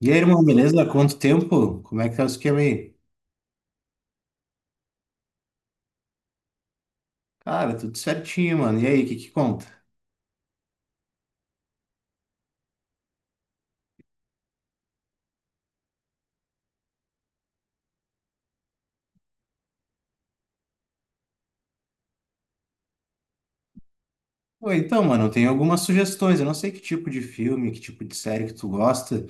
E aí, irmão, beleza? Quanto tempo? Como é que tá o esquema aí? Cara, tudo certinho, mano. E aí, o que que conta? Pô, então, mano, eu tenho algumas sugestões. Eu não sei que tipo de filme, que tipo de série que tu gosta.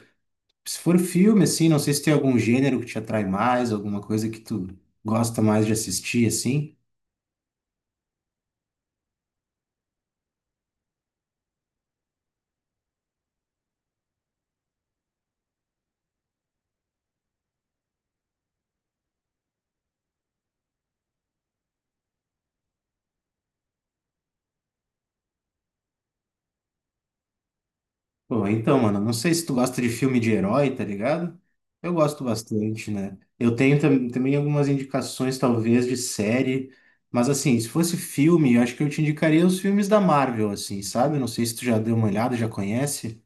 Se for filme, assim, não sei se tem algum gênero que te atrai mais, alguma coisa que tu gosta mais de assistir, assim. Pô, então, mano, não sei se tu gosta de filme de herói, tá ligado? Eu gosto bastante, né? Eu tenho também algumas indicações, talvez, de série, mas assim, se fosse filme, eu acho que eu te indicaria os filmes da Marvel, assim, sabe? Não sei se tu já deu uma olhada, já conhece.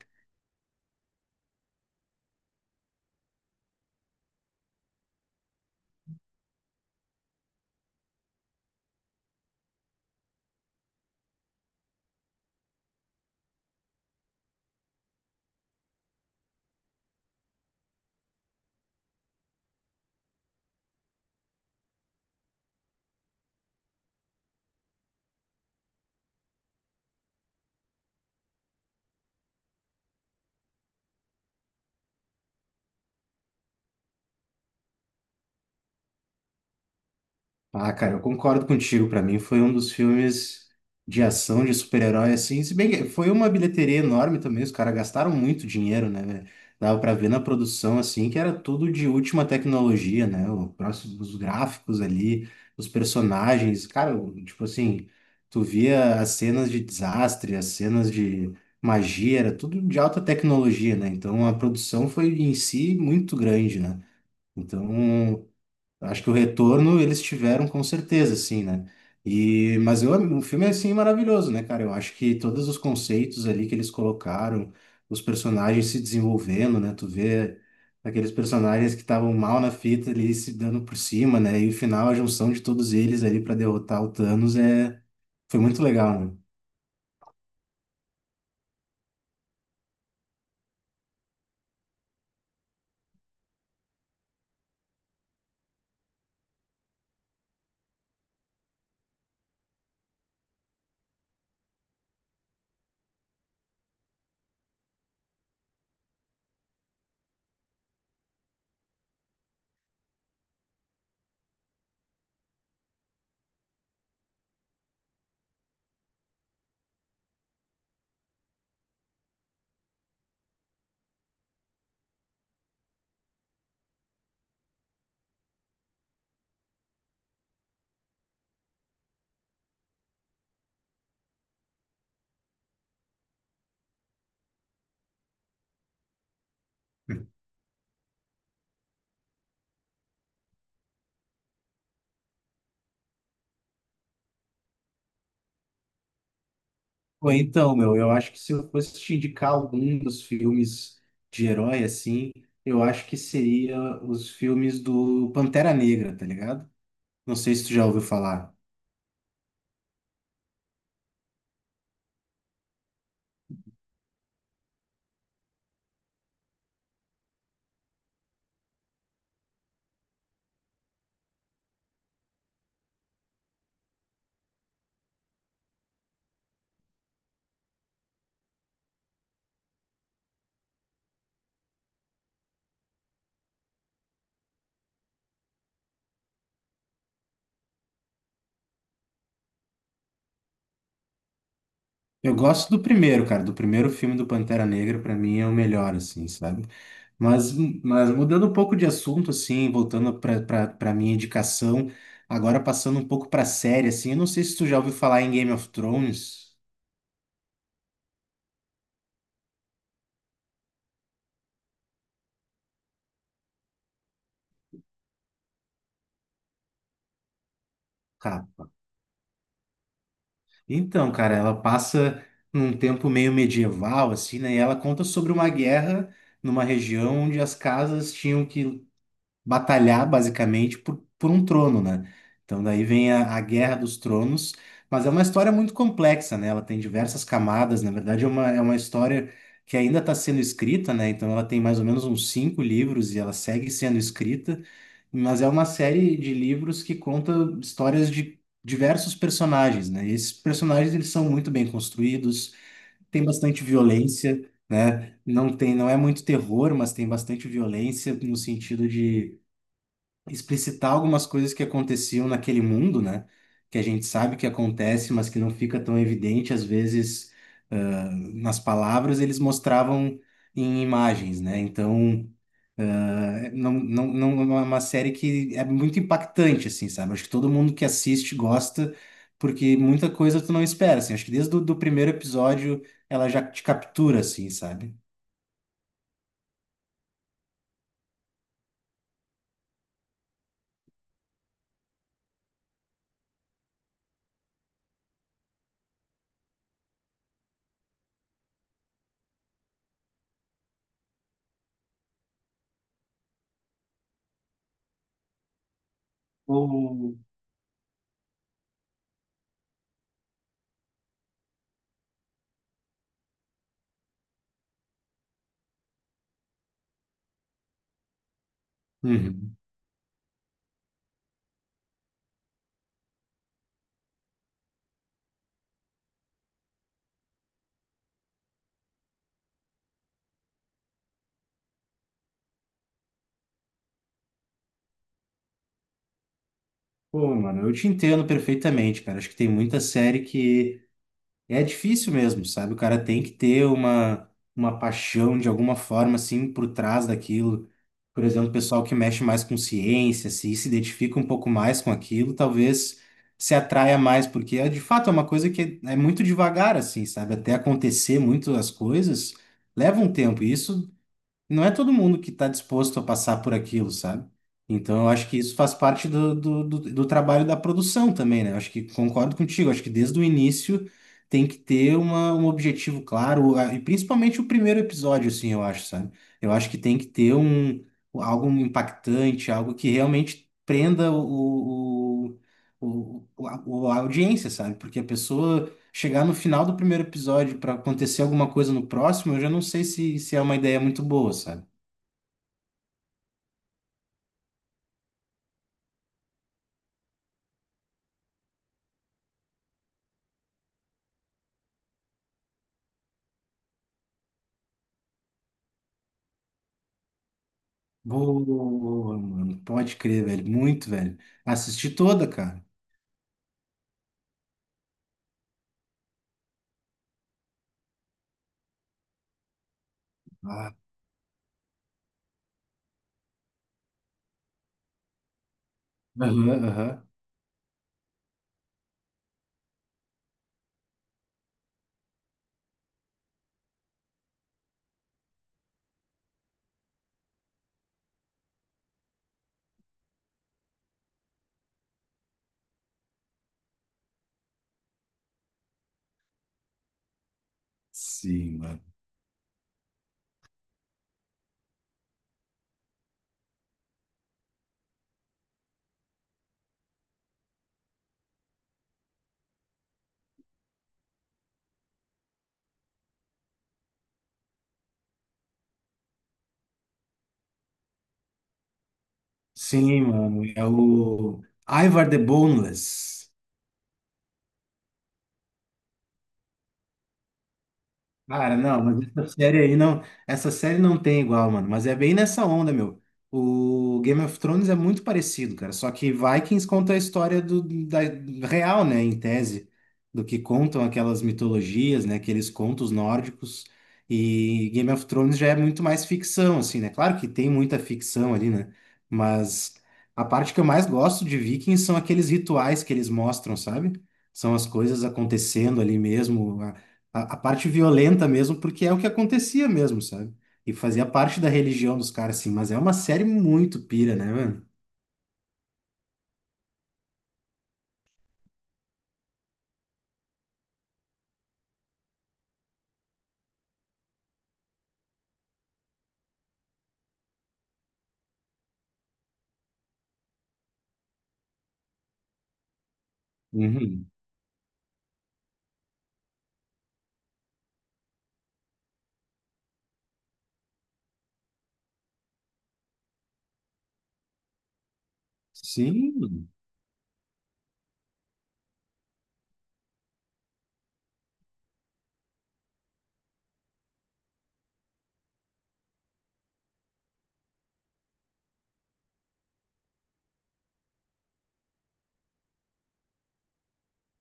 Ah, cara, eu concordo contigo. Pra mim foi um dos filmes de ação de super-herói, assim. Se bem que foi uma bilheteria enorme também, os caras gastaram muito dinheiro, né, velho? Dava pra ver na produção, assim, que era tudo de última tecnologia, né? O próximo, os gráficos ali, os personagens. Cara, tipo assim, tu via as cenas de desastre, as cenas de magia, era tudo de alta tecnologia, né? Então a produção foi em si muito grande, né? Então, acho que o retorno eles tiveram com certeza, assim, né? E, mas eu, o filme é, assim, maravilhoso, né, cara? Eu acho que todos os conceitos ali que eles colocaram, os personagens se desenvolvendo, né? Tu vê aqueles personagens que estavam mal na fita ali se dando por cima, né? E o final, a junção de todos eles ali para derrotar o Thanos é... foi muito legal, né? Pô, então, meu, eu acho que se eu fosse te indicar algum dos filmes de herói, assim, eu acho que seria os filmes do Pantera Negra, tá ligado? Não sei se tu já ouviu falar. Eu gosto do primeiro, cara, do primeiro filme do Pantera Negra, pra mim é o melhor, assim, sabe? Mas, mas mudando um pouco de assunto, assim, voltando pra minha indicação, agora passando um pouco pra série, assim, eu não sei se tu já ouviu falar em Game of Thrones. Então, cara, ela passa num tempo meio medieval, assim, né? E ela conta sobre uma guerra numa região onde as casas tinham que batalhar basicamente por um trono, né? Então daí vem a Guerra dos Tronos, mas é uma história muito complexa, né? Ela tem diversas camadas, na verdade é uma história que ainda está sendo escrita, né? Então ela tem mais ou menos uns cinco livros e ela segue sendo escrita, mas é uma série de livros que conta histórias de diversos personagens, né? E esses personagens eles são muito bem construídos, tem bastante violência, né? Não tem, não é muito terror, mas tem bastante violência no sentido de explicitar algumas coisas que aconteciam naquele mundo, né? Que a gente sabe que acontece, mas que não fica tão evidente, às vezes, nas palavras, eles mostravam em imagens, né? Então, não é uma série que é muito impactante, assim, sabe? Acho que todo mundo que assiste gosta, porque muita coisa tu não espera, assim. Acho que desde o do primeiro episódio ela já te captura, assim, sabe? Ou uhum. Pô, mano, eu te entendo perfeitamente, cara. Acho que tem muita série que é difícil mesmo, sabe? O cara tem que ter uma paixão de alguma forma, assim, por trás daquilo. Por exemplo, o pessoal que mexe mais com ciência, se identifica um pouco mais com aquilo, talvez se atraia mais, porque é, de fato é uma coisa que é muito devagar, assim, sabe? Até acontecer muito as coisas, leva um tempo. E isso não é todo mundo que está disposto a passar por aquilo, sabe? Então, eu acho que isso faz parte do trabalho da produção também, né? Eu acho que concordo contigo. Acho que desde o início tem que ter uma, um objetivo claro, e principalmente o primeiro episódio, assim, eu acho, sabe? Eu acho que tem que ter um, algo impactante, algo que realmente prenda a audiência, sabe? Porque a pessoa chegar no final do primeiro episódio para acontecer alguma coisa no próximo, eu já não sei se, se é uma ideia muito boa, sabe? Boa, mano. Pode crer, velho. Muito, velho. Assisti toda, cara. Ah, aham, aham. Sim, mano. Sim, mano. É o Ivar the Boneless. Cara, não, mas essa série aí não, essa série não tem igual, mano, mas é bem nessa onda, meu. O Game of Thrones é muito parecido, cara, só que Vikings conta a história do, da real, né, em tese, do que contam aquelas mitologias, né, aqueles contos nórdicos, e Game of Thrones já é muito mais ficção, assim, né? Claro que tem muita ficção ali, né? Mas a parte que eu mais gosto de Vikings são aqueles rituais que eles mostram, sabe? São as coisas acontecendo ali mesmo, a parte violenta mesmo, porque é o que acontecia mesmo, sabe? E fazia parte da religião dos caras, assim, mas é uma série muito pira, né, mano? Uhum. Sim,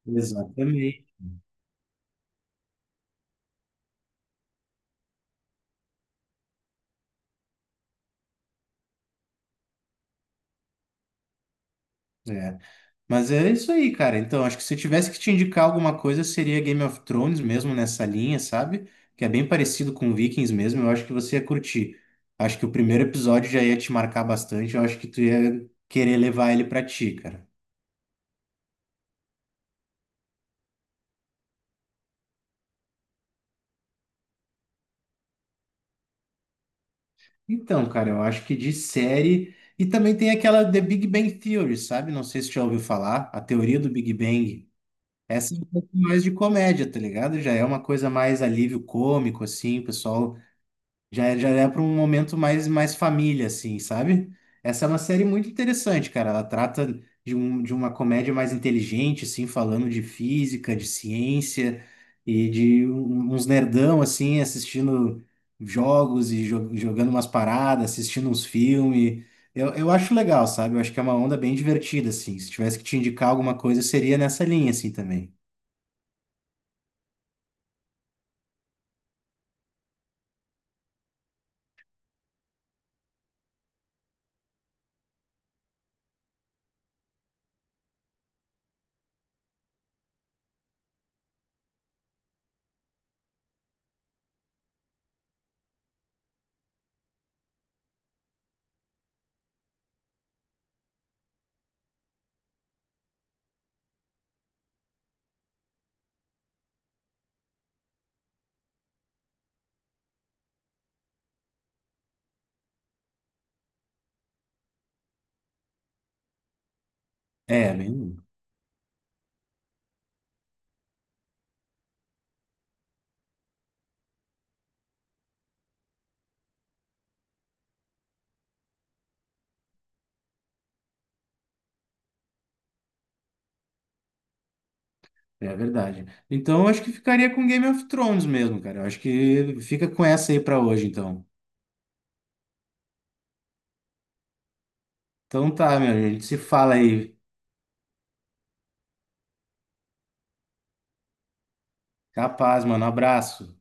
exatamente. É. Mas é isso aí, cara. Então, acho que se eu tivesse que te indicar alguma coisa, seria Game of Thrones mesmo nessa linha, sabe? Que é bem parecido com Vikings mesmo. Eu acho que você ia curtir. Acho que o primeiro episódio já ia te marcar bastante. Eu acho que tu ia querer levar ele pra ti, cara. Então, cara, eu acho que de série. E também tem aquela The Big Bang Theory, sabe? Não sei se já ouviu falar, a teoria do Big Bang. Essa é um pouco mais de comédia, tá ligado? Já é uma coisa mais alívio cômico, assim, o pessoal já, já é para um momento mais, mais família, assim, sabe? Essa é uma série muito interessante, cara. Ela trata de, um, de uma comédia mais inteligente, assim, falando de física, de ciência e de uns nerdão, assim, assistindo jogos e jogando umas paradas, assistindo uns filmes. Eu acho legal, sabe? Eu acho que é uma onda bem divertida, assim. Se tivesse que te indicar alguma coisa, seria nessa linha, assim, também. É, bem. É verdade. Então, eu acho que ficaria com Game of Thrones mesmo, cara. Eu acho que fica com essa aí pra hoje, então. Então tá, meu, a gente se fala aí. Capaz, mano. Abraço.